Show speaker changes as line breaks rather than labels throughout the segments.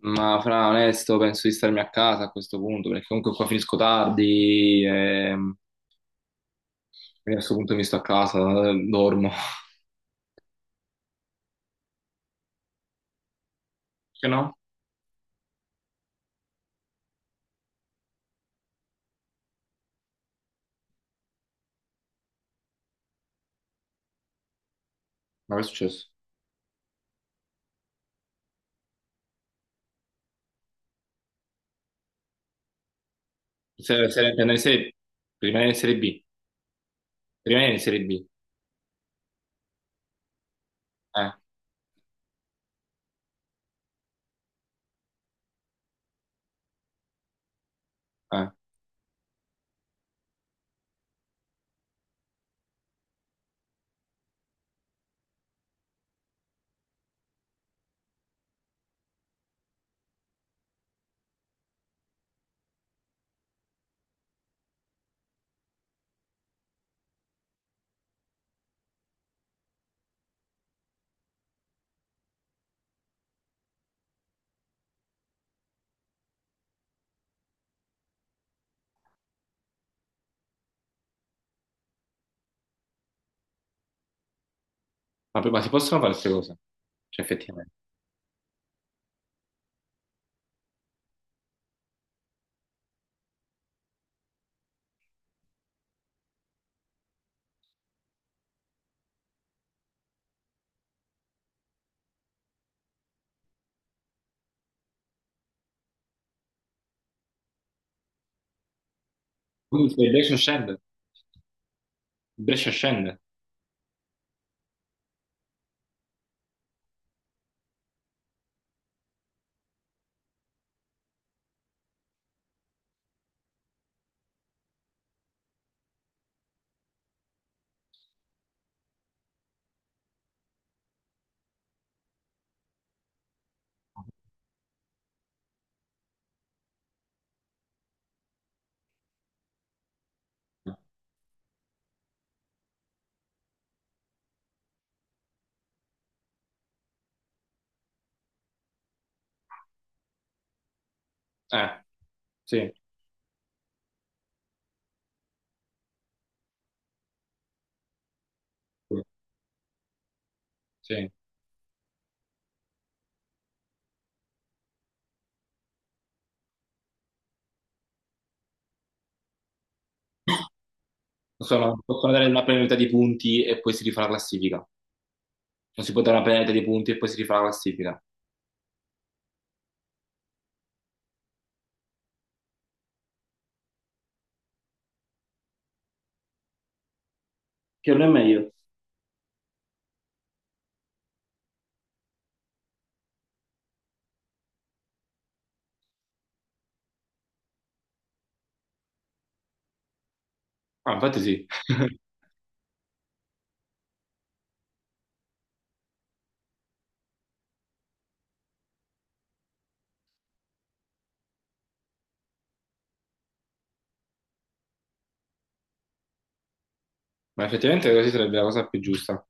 Ma fra onesto, penso di starmi a casa a questo punto, perché comunque qua finisco tardi e quindi a questo punto mi sto a casa, dormo. Che no? Ma che è successo? Se, se, andare in serie, rimanere in Serie B, rimanere in Serie B, eh, eh. Ma, ma si possono fare queste cose? Cioè, effettivamente. Quindi se il Brescia scende, il Brescia scende. Eh, sì, sì, sì. Possono, possono dare una penalità di punti e poi si rifà la classifica. Non si può dare una penalità di punti e poi si rifà la classifica. Che non è meglio. Ah, infatti sì. Ma effettivamente così sarebbe la cosa più giusta,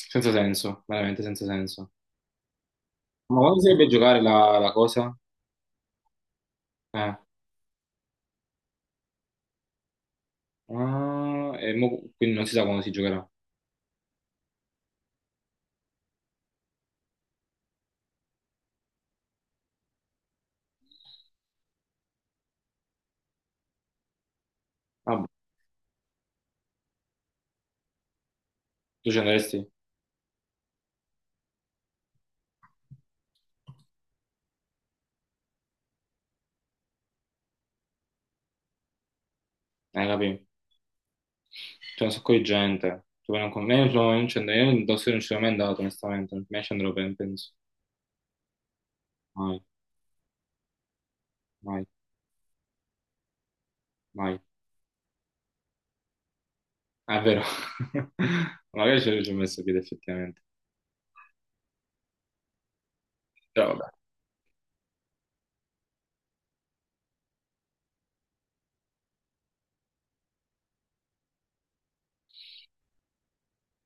senza senso, veramente senza senso. Ma quando si dovrebbe giocare la cosa? Eh. Ah, e quindi non si sa quando si giocherà. Ah, boh. Tu ci andresti? Capì? C'è un sacco di gente, tu non con me, non ci andrei, io in Tossi non ci sono mai andato, onestamente, non mi ci andrò per, penso, mai, mai, mai. Ah, è vero, magari ci ho messo piede effettivamente, però vabbè.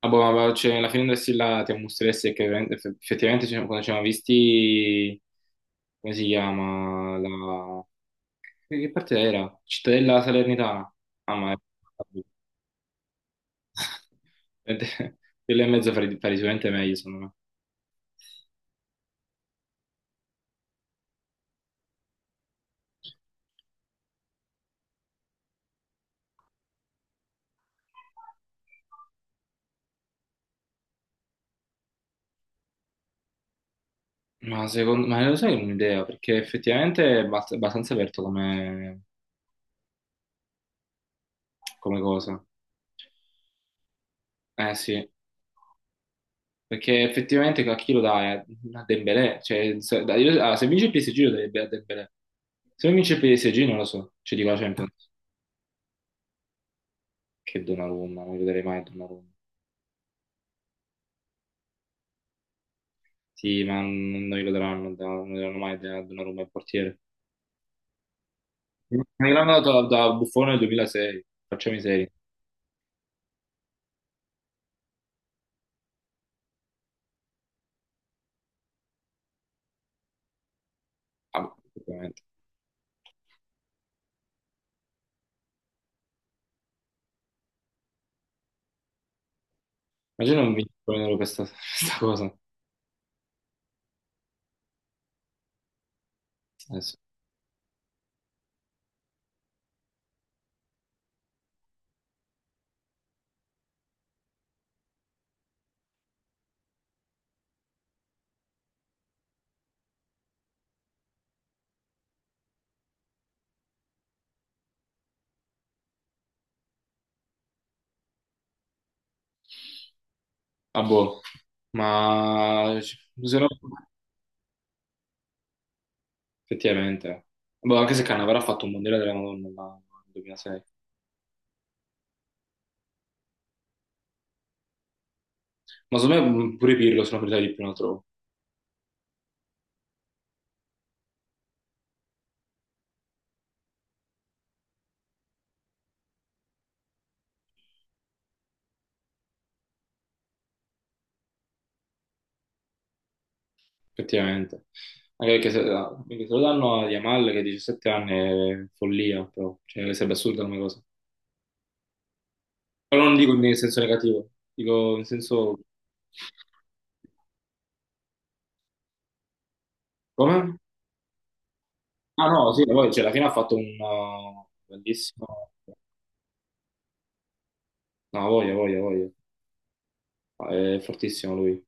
Ah, boh, ma cioè, alla fine andassi là ti mostreresti che effettivamente quando ci siamo visti, come si chiama? La... che parte era? Cittadella Salernitana. Ah, ma è... Quello e mezzo fare, fare sicuramente meglio, secondo me. Ma secondo ma lo sai un'idea, perché effettivamente è abbastanza aperto come, come cosa. Eh sì, perché effettivamente a chi lo dai? A Dembélé. Cioè, se vince il PSG lo dai a Dembélé. Se non vince il PSG non lo so. Cioè dico la Champions. Che Donnarumma, non gli darei mai a Donnarumma. Sì, ma non glielo daranno, non glielo daranno mai a Donnarumma il portiere. Non gliel'hanno dato da Buffone nel 2006. Facciamo i seri. Ah, boh, effettivamente. Immagino non vincono questa, questa cosa. Adesso. Ah, boh. Ma se no, effettivamente. Boh, anche se Cannavaro ha fatto un mondiale della Madonna ma nel 2006. Ma secondo me pure Pirlo sono priorità di più, lo trovo, effettivamente. Anche perché se, perché se lo danno a Yamal che ha 17 anni è follia, però. Cioè, sarebbe assurda come cosa. Però non dico in senso negativo, dico in senso... Come? Ah no, sì, poi, cioè, alla fine ha fatto un bellissimo... No, voglia, voglia, voglia. Ah, è fortissimo lui.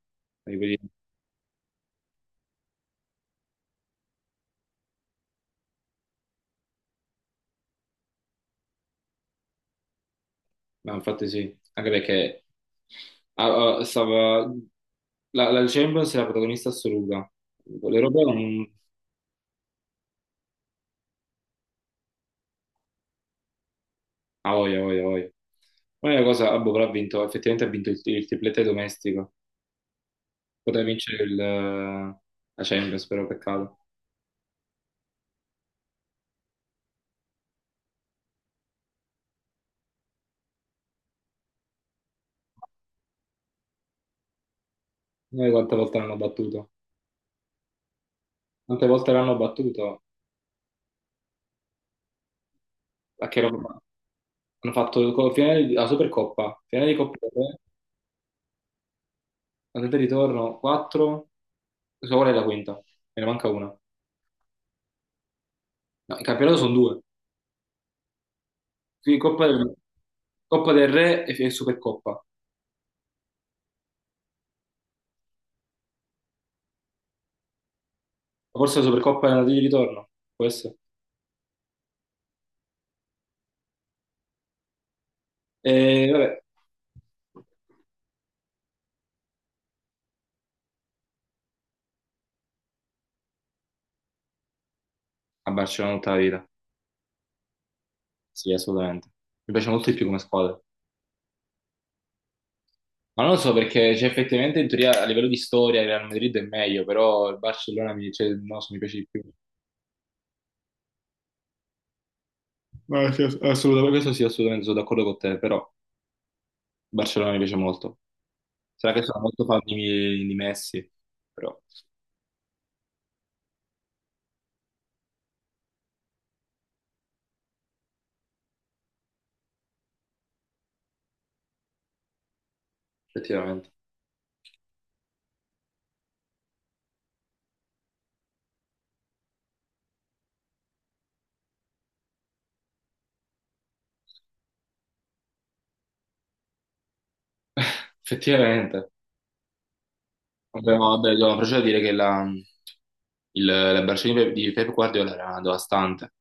Ma infatti sì, anche perché ah, ah, stava, la Champions è la protagonista assoluta. L'Europeo non... Ah, voglia, voglia, voglia. L'unica cosa, ah, boh, però ha vinto, effettivamente ha vinto il triplete domestico. Poteva vincere la Champions, però peccato. Noi quante volte l'hanno battuto? Quante volte l'hanno battuto? A che roba? Hanno fatto finale di, la Supercoppa, finale di Coppa Europea, andata e ritorno, 4, so qual è la quinta? Me ne manca una. No, il campionato sono due. Sì, Coppa del Re e Supercoppa. Ma forse la Supercoppa è andata di ritorno, può essere. E vabbè, a Barcellona tutta la vita. Sì, assolutamente. Mi piace molto di più come squadra. Ma non lo so perché, cioè, effettivamente in teoria a livello di storia il Real Madrid è meglio, però il Barcellona mi, cioè, non so, mi piace di più. No, sì, assolutamente, questo sì, assolutamente sono d'accordo con te, però il Barcellona mi piace molto. Sarà che sono molto fan di Messi, però effettivamente. Effettivamente. Vabbè, no, però c'è da dire che la Barcellona di Pep Guardiola era devastante,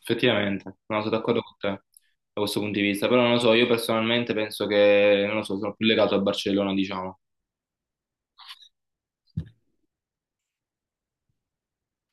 effettivamente, no, sono d'accordo con te da questo punto di vista, però non lo so, io personalmente penso che, non lo so, sono più legato al Barcellona, diciamo.